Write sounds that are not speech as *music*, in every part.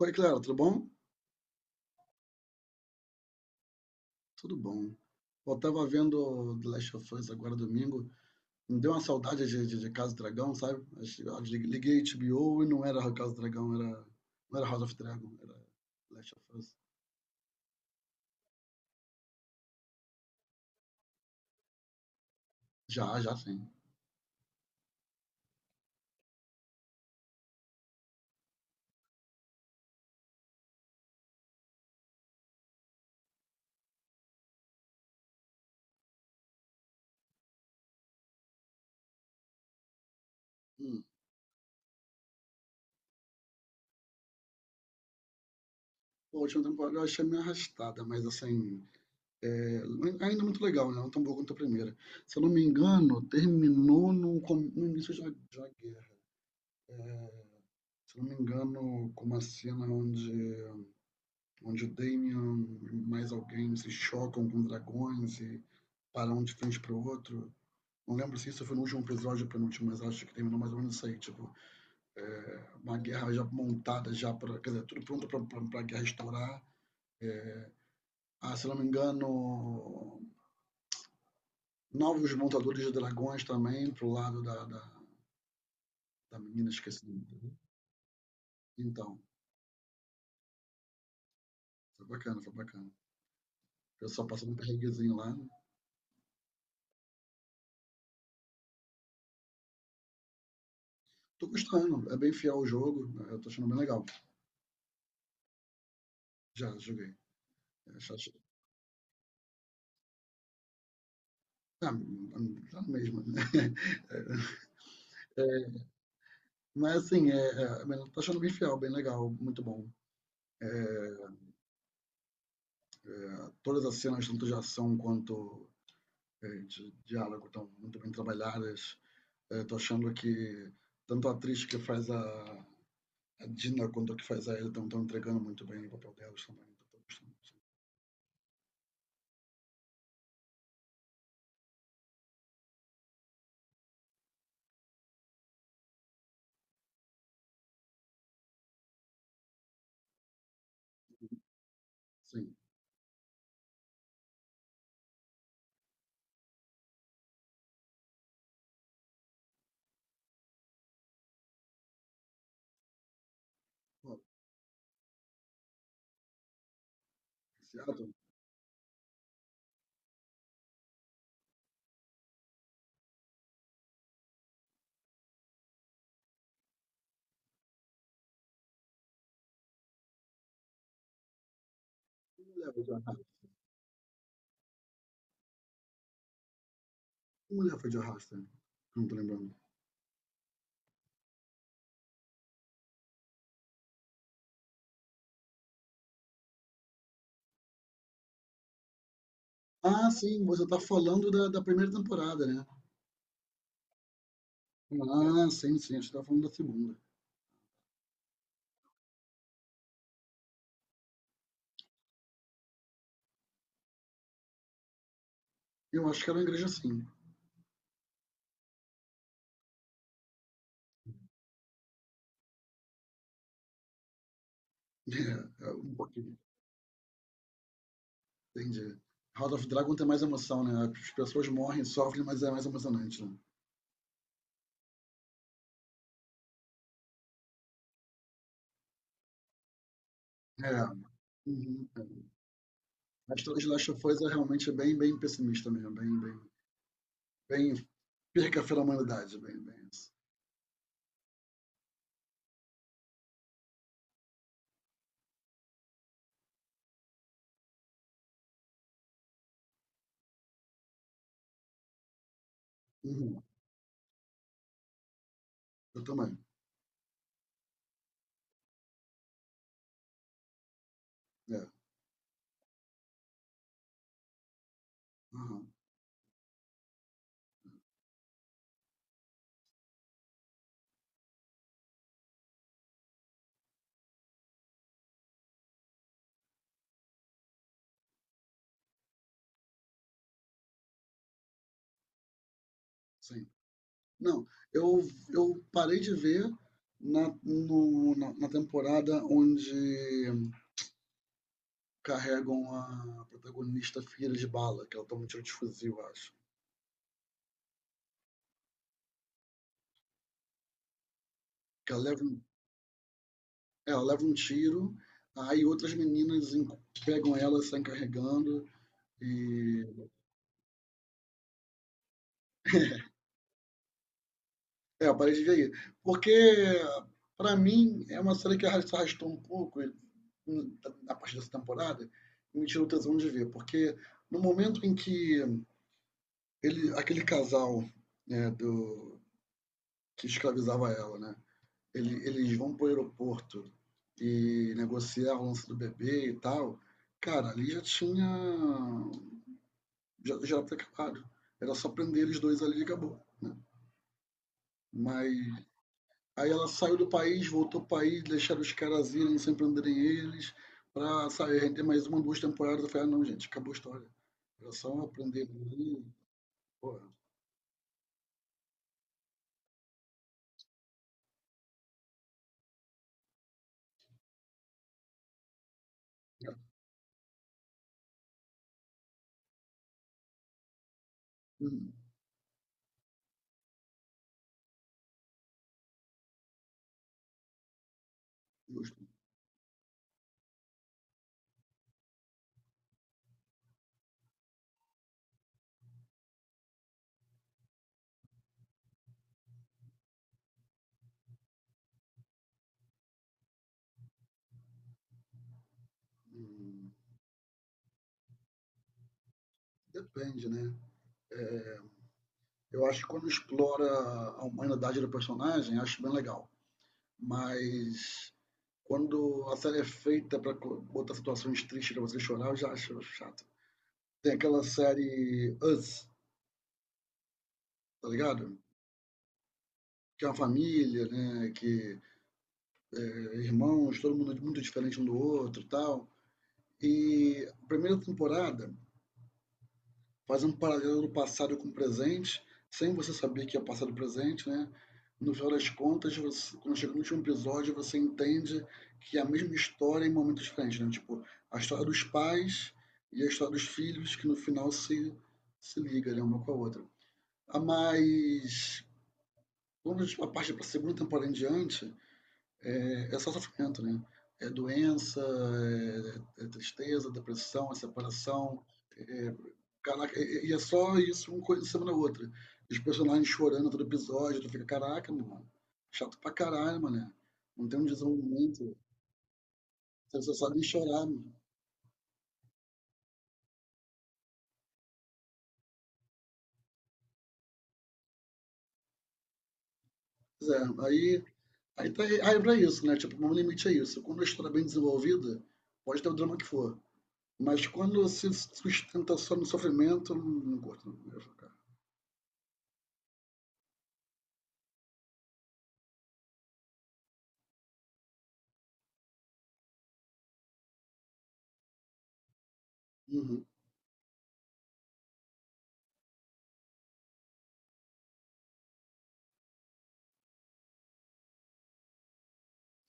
Oi, Clara, tudo bom? Tudo bom. Eu tava vendo The Last of Us agora domingo, me deu uma saudade de Casa do Dragão, sabe? Eu liguei HBO e não era Casa do Dragão, era, não era House of Dragon, era The Last of Us. Já, sim. Hum. Pô, a última temporada eu achei meio arrastada, mas assim, é, ainda muito legal, né? Não tão boa quanto a primeira. Se eu não me engano, terminou no início da uma guerra. É, Se eu não me engano, com uma cena onde onde o Damian e mais alguém se chocam com dragões e param um de frente para o outro. Não lembro se isso foi no último episódio ou penúltimo, mas acho que terminou mais ou menos isso aí. Tipo, é, uma guerra já montada, já pra, quer dizer, tudo pronto pra guerra estourar. É, se não me engano, novos montadores de dragões também pro lado da menina esquecida. Então, foi bacana, foi bacana. O pessoal passando um perreguezinho lá. Tô gostando, é bem fiel o jogo, eu tô achando bem legal. Já joguei. Chateado. Ah, tá na mesma, né? *laughs* É, é, mas assim, eu tô achando bem fiel, bem legal, muito bom. É, é, todas as cenas, tanto de ação quanto de diálogo, estão muito bem trabalhadas. É, tô achando que tanto a atriz que faz a Dina quanto a que faz a Ellie estão entregando muito bem o papel delas também. Tô gostando, sim. Sim. Ó, esse ato, que mulher foi de arrasta. Que mulher foi de arrasto? Não tô lembrando. Ah, sim, você tá falando da primeira temporada, né? Ah, sim, sim, a gente estava falando da segunda. Eu acho que era uma igreja, sim. *laughs* É, um pouquinho. Entendi. House of Dragon tem mais emoção, né? As pessoas morrem, sofrem, mas é mais emocionante, né? É. Uhum, é. A história de Last of Us é realmente bem, bem pessimista mesmo, bem perca a fé da humanidade, bem, bem isso. Uhum, eu também. É. Aham, sim. Não, eu, eu parei de ver na, no- na, na temporada onde carregam a protagonista filha de bala, que ela toma um tiro de fuzil, eu acho. Que ela leva, um- É, ela leva um tiro, aí pegam ela, saem carregando e... É, eu parei de ver aí. Porque, pra mim, é uma série que se arrastou um pouco e, hum, a partir dessa temporada e me tirou o tesão de ver. Porque no momento em que aquele casal, né, do, que escravizava ela, né, eles vão para o aeroporto e negociar o lance do bebê e tal, cara, ali já tinha. Já era acabado. Era só prender eles dois ali e acabou. Né? Mas aí ela saiu do país, voltou para o país, deixaram os caras irem sem prenderem eles, para sair render mais uma, duas temporadas. Eu falei, ah, não, gente, acabou a história. Era só aprender ali. Porra, hum, justo. Hum, depende, né? É, eu acho que quando explora a humanidade do personagem, acho bem legal. Mas quando a série é feita para botar situações tristes pra você chorar, eu já acho chato. Tem aquela série Us, tá ligado? Que é uma família, né? Que é irmãos, todo mundo muito diferente um do outro e tal. E a primeira temporada fazendo um paralelo do passado com o presente, sem você saber que é passado e presente, né? No final das contas, você, quando chega no último episódio, você entende que é a mesma história em momentos diferentes, né? Tipo, a história dos pais e a história dos filhos, que no final se liga, né? Uma com a outra. Ah, mas, quando a parte para a segunda temporada em diante, é só sofrimento, né? É doença, é tristeza, depressão, é separação. Caraca, e é só isso, uma coisa em cima da outra. Os personagens chorando todo episódio, tu fica, caraca, mano, chato pra caralho, mano. Não tem um desenvolvimento, você só sabe chorar, mano. Pois é, aí é pra isso, né? Tipo, o meu limite é isso. Quando a história é bem desenvolvida, pode ter o drama que for. Mas quando se sustenta só no sofrimento, eu não curto. Não. Eu fico, cara, uhum,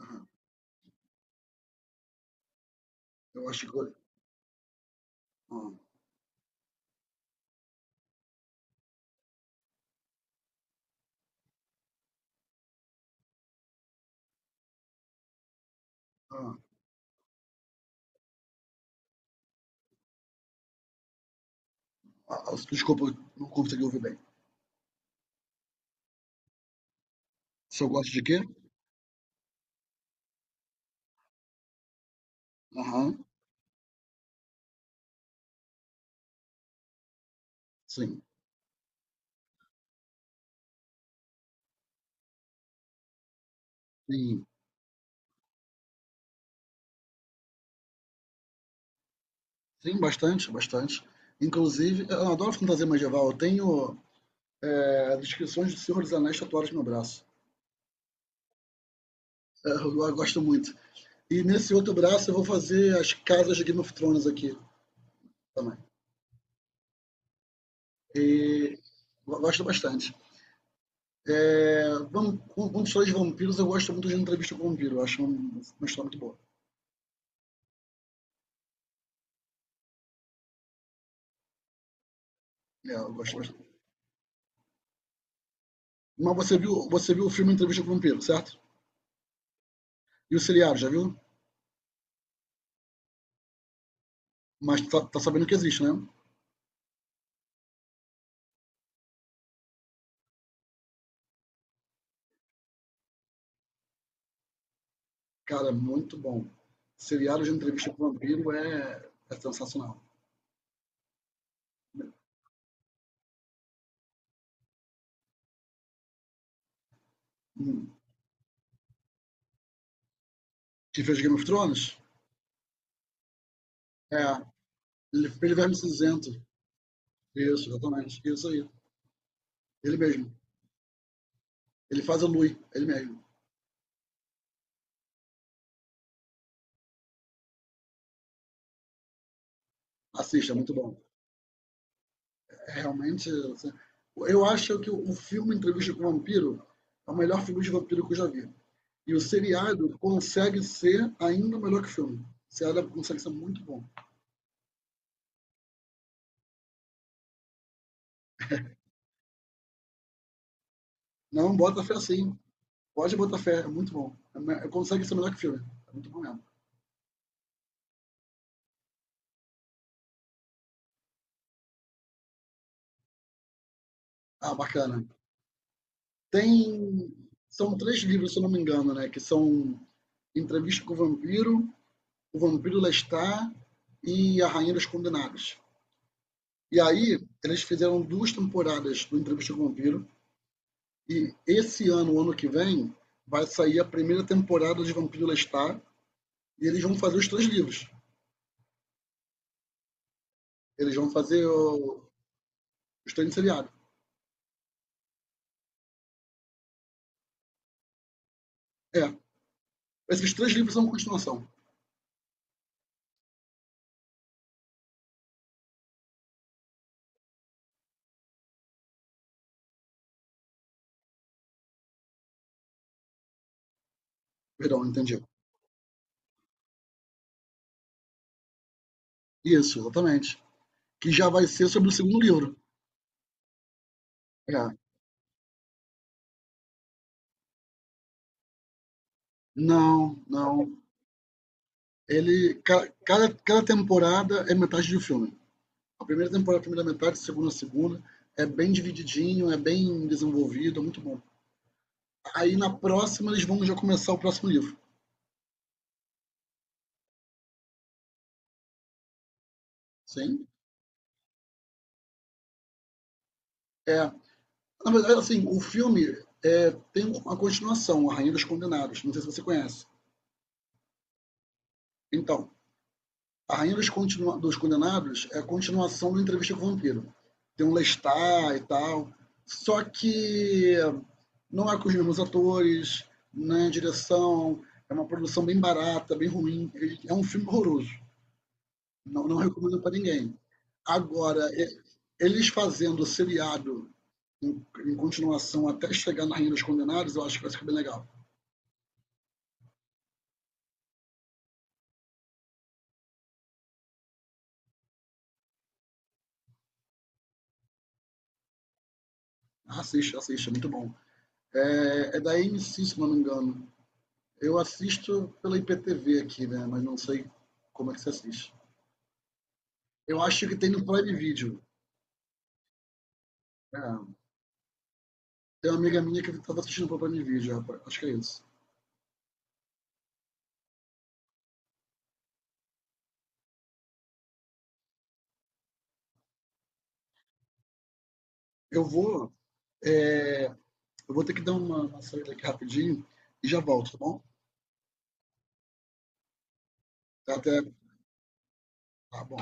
aham. Eu acho que. Ah, ah, desculpa, eu não consegui ouvir bem. Se eu gosto de quê? Aham, sim. Sim. Sim, bastante, bastante. Inclusive, eu adoro fantasia medieval. Eu tenho as descrições do Senhor dos Anéis tatuadas no meu braço. É, eu gosto muito. E nesse outro braço eu vou fazer as casas de Game of Thrones aqui também. E gosto bastante. É, vamos, com histórias de vampiros, eu gosto muito de Entrevista com o Vampiro. Eu acho uma história muito boa. É, eu gosto bastante. Mas você viu o filme Entrevista com o Vampiro, certo? E o seriado, já viu? Mas tá, tá sabendo que existe, né? Cara, muito bom. Seriado de entrevista com vampiro é sensacional. Hum. Que fez Game of Thrones? É. Ele fez Verme Cinzento. Isso, exatamente. Isso aí. Ele mesmo. Ele faz o Louis, ele mesmo. Assista, é muito bom. É realmente. Assim, eu acho que o filme Entrevista com o Vampiro é o melhor filme de vampiro que eu já vi. E o seriado consegue ser ainda melhor que o filme. O seriado consegue ser muito bom. Não bota fé assim. Pode botar fé, é muito bom. É, consegue ser melhor que o filme. É muito bom mesmo. Ah, bacana. Tem. São três livros, se eu não me engano, né? Que são Entrevista com o Vampiro, O Vampiro Lestat e A Rainha dos Condenados. E aí, eles fizeram duas temporadas do Entrevista com o Vampiro. E esse ano, ano que vem, vai sair a primeira temporada de Vampiro Lestat. E eles vão fazer os três livros. Eles vão fazer o... os três seriados. É. Esses três livros são continuação. Perdão, entendi. Isso, exatamente. Que já vai ser sobre o segundo livro. É. Não, não. Ele, cada temporada é metade de um filme. A primeira temporada, a primeira metade, a segunda, a segunda. É bem divididinho, é bem desenvolvido, é muito bom. Aí na próxima eles vão já começar o próximo livro. Sim? É. Na verdade, assim, o filme tem uma continuação, A Rainha dos Condenados. Não sei se você conhece. Então, A Rainha dos Condenados é a continuação do Entrevista com o Vampiro. Tem um Lestat e tal. Só que não é com os mesmos atores, né? Direção, é uma produção bem barata, bem ruim. É um filme horroroso. Não, não recomendo para ninguém. Agora, eles fazendo o seriado em continuação até chegar na Rainha dos Condenados, eu acho que vai ficar bem legal. Assista, assista, é muito bom. É, é da AMC, se não me engano. Eu assisto pela IPTV aqui, né? Mas não sei como é que se assiste. Eu acho que tem no Prime Video. É. Tem uma amiga minha que estava assistindo pelo Prime Video, rapaz. Acho que é isso. Eu vou, é, eu vou ter que dar uma saída aqui rapidinho e já volto, tá bom? Até, tá bom.